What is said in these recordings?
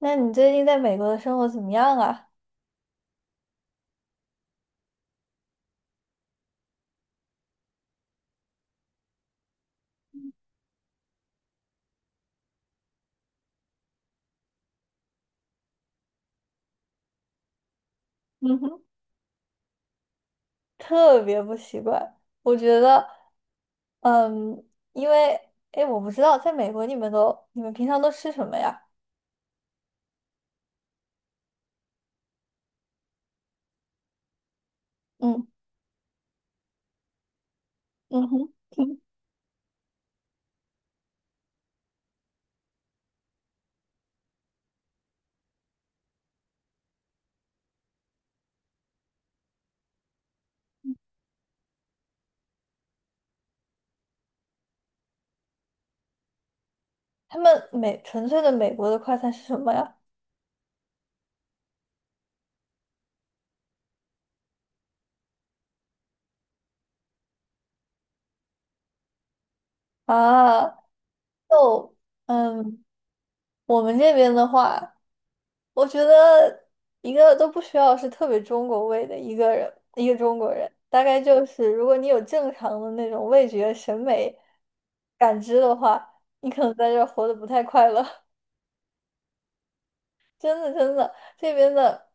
那你最近在美国的生活怎么样啊？嗯哼，特别不习惯，我觉得，嗯，因为，哎，我不知道，在美国你们平常都吃什么呀？嗯。嗯哼。他们纯粹的美国的快餐是什么呀？啊，就，嗯，我们这边的话。我觉得一个都不需要是特别中国味的一个人，一个中国人，大概就是如果你有正常的那种味觉审美感知的话，你可能在这儿活得不太快乐。真的真的，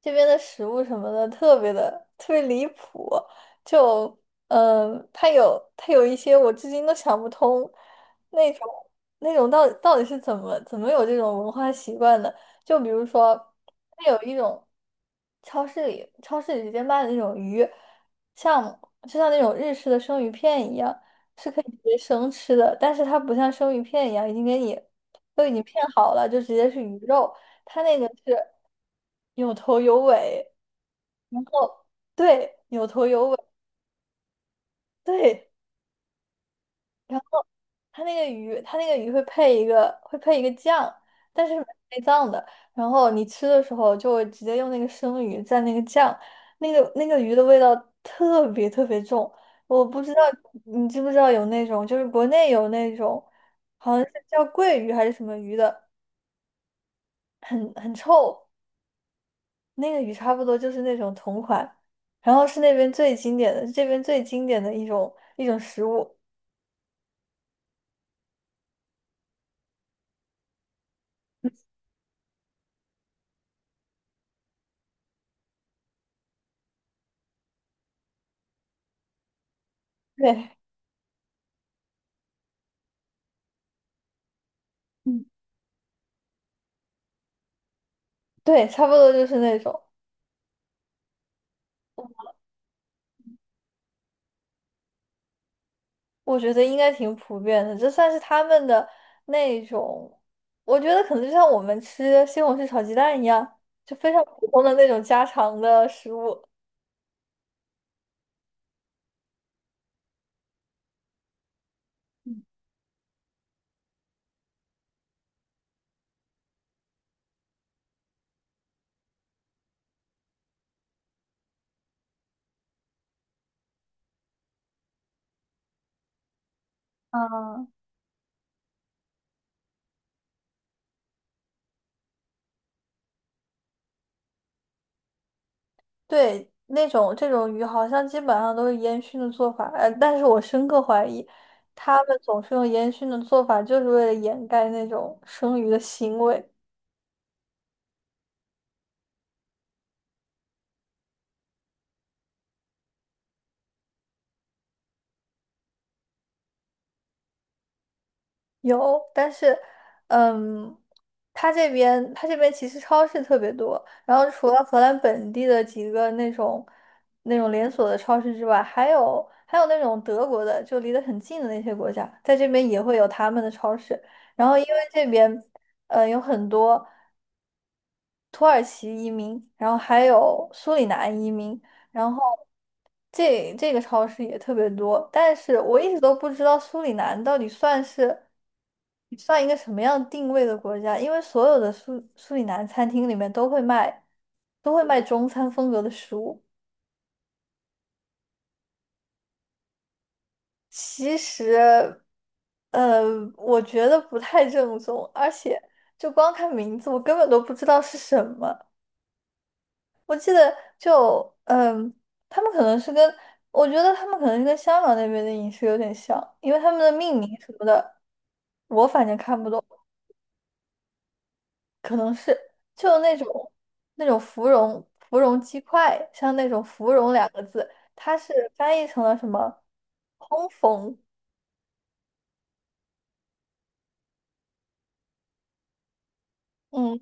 这边的食物什么的特别的特别离谱，就它有一些我至今都想不通，那种那种到底是怎么有这种文化习惯的？就比如说，它有一种超市里直接卖的那种鱼，像就像那种日式的生鱼片一样，是可以直接生吃的，但是它不像生鱼片一样已经给你。都已经片好了，就直接是鱼肉。它那个是有头有尾，然后对，有头有尾，对。然后它那个鱼会配一个酱，但是没内脏的。然后你吃的时候就会直接用那个生鱼蘸那个酱，那个鱼的味道特别特别重。我不知道你知不知道有那种，就是国内有那种，好像是叫桂鱼还是什么鱼的，很臭。那个鱼差不多就是那种同款，然后是那边最经典的，这边最经典的一种食物。对。嗯。对，差不多就是那种，我觉得应该挺普遍的，这算是他们的那种，我觉得可能就像我们吃西红柿炒鸡蛋一样，就非常普通的那种家常的食物。嗯。对，那种这种鱼好像基本上都是烟熏的做法，但是我深刻怀疑，他们总是用烟熏的做法，就是为了掩盖那种生鱼的腥味。有，但是，嗯，他这边其实超市特别多，然后除了荷兰本地的几个那种连锁的超市之外，还有那种德国的，就离得很近的那些国家，在这边也会有他们的超市。然后因为这边，呃，有很多。土耳其移民，然后还有苏里南移民，然后这个超市也特别多，但是我一直都不知道苏里南到底算是算一个什么样定位的国家，因为所有的苏里南餐厅里面都会卖中餐风格的食物，其实呃，我觉得不太正宗，而且就光看名字，我根本都不知道是什么。我记得就他们可能是跟我觉得他们可能是跟香港那边的饮食有点像，因为他们的命名什么的，我反正看不懂，可能是就那种芙蓉鸡块，像那种芙蓉两个字，它是翻译成了什么烘缝，嗯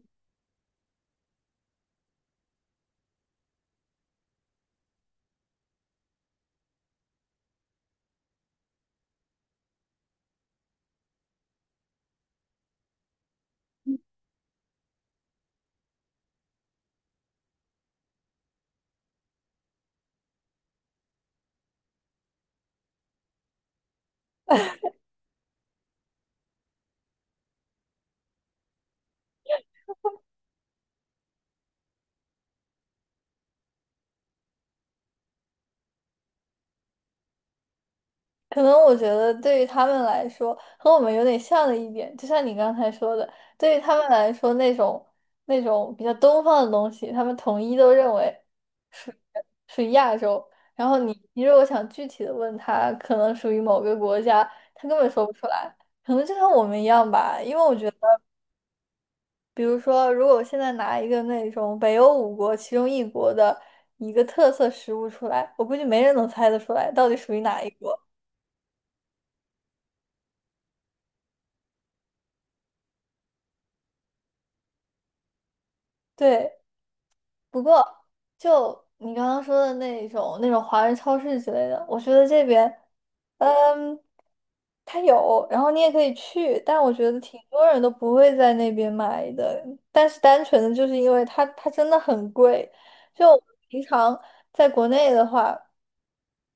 可能我觉得对于他们来说，和我们有点像的一点，就像你刚才说的，对于他们来说，那种比较东方的东西，他们统一都认为属于亚洲。然后你如果想具体的问他，可能属于某个国家，他根本说不出来。可能就像我们一样吧，因为我觉得，比如说，如果我现在拿一个那种北欧五国其中一国的一个特色食物出来，我估计没人能猜得出来到底属于哪一国。对。不过，就你刚刚说的那种华人超市之类的，我觉得这边，嗯，它有，然后你也可以去，但我觉得挺多人都不会在那边买的。但是单纯的就是因为它真的很贵，就平常在国内的话。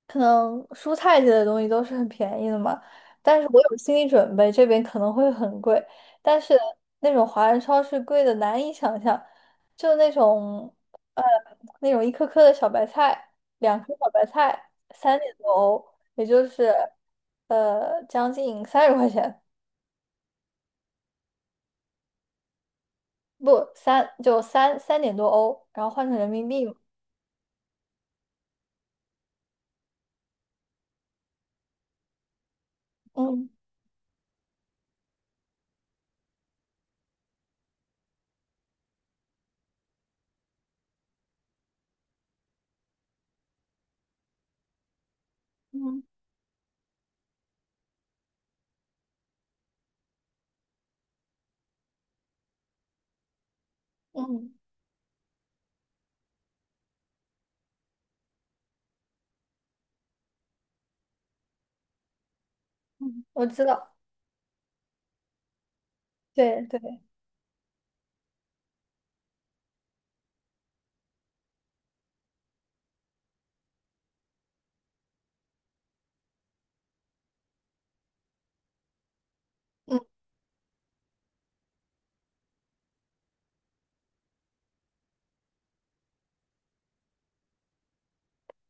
可能蔬菜类的东西都是很便宜的嘛，但是我有心理准备，这边可能会很贵，但是那种华人超市贵的难以想象，就那种呃那种一颗颗的小白菜，2颗小白菜三点多欧，也就是将近30块钱，不三三点多欧，然后换成人民币嘛，嗯嗯嗯嗯，我知道，对对，嗯，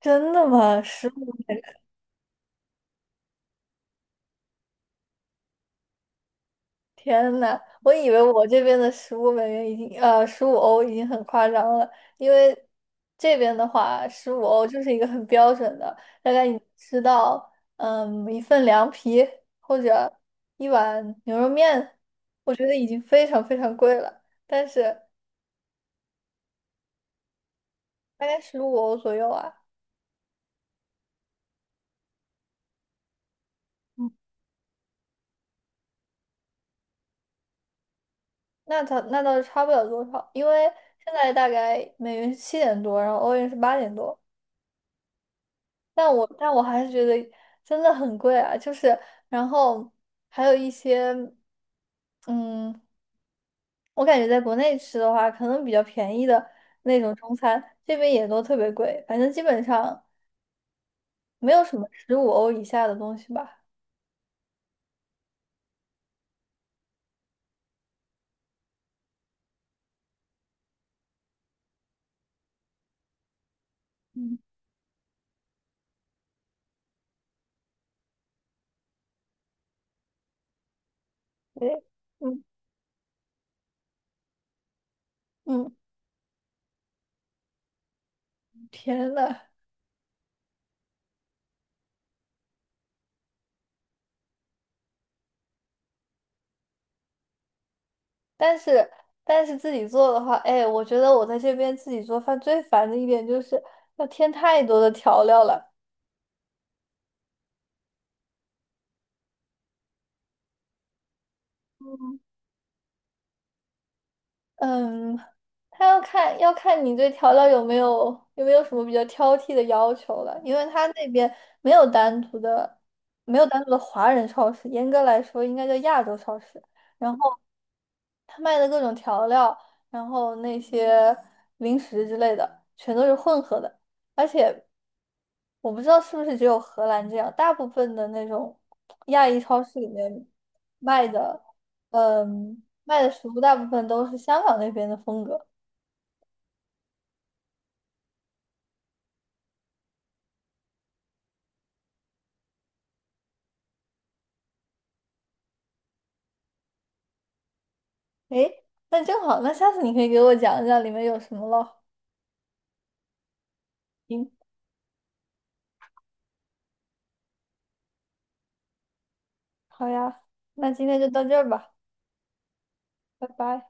真的吗？十五。天呐，我以为我这边的15美元已经十五欧已经很夸张了，因为这边的话十五欧就是一个很标准的，大概你吃到一份凉皮或者一碗牛肉面，我觉得已经非常非常贵了，但是大概十五欧左右啊，那它那倒是差不了多少，因为现在大概美元是七点多，然后欧元是八点多。但我还是觉得真的很贵啊，就是然后还有一些，嗯，我感觉在国内吃的话，可能比较便宜的那种中餐，这边也都特别贵，反正基本上没有什么十五欧以下的东西吧。嗯，对，嗯嗯，天呐，但是但是自己做的话，哎，我觉得我在这边自己做饭最烦的一点就是要添太多的调料了。嗯，他要看你对调料有没有什么比较挑剔的要求了，因为他那边没有单独的华人超市，严格来说应该叫亚洲超市。然后，他卖的各种调料，然后那些零食之类的，全都是混合的。而且我不知道是不是只有荷兰这样，大部分的那种亚裔超市里面卖的，嗯，卖的食物大部分都是香港那边的风格。诶，那正好，那下次你可以给我讲一讲里面有什么咯。行，好呀，那今天就到这儿吧，拜拜。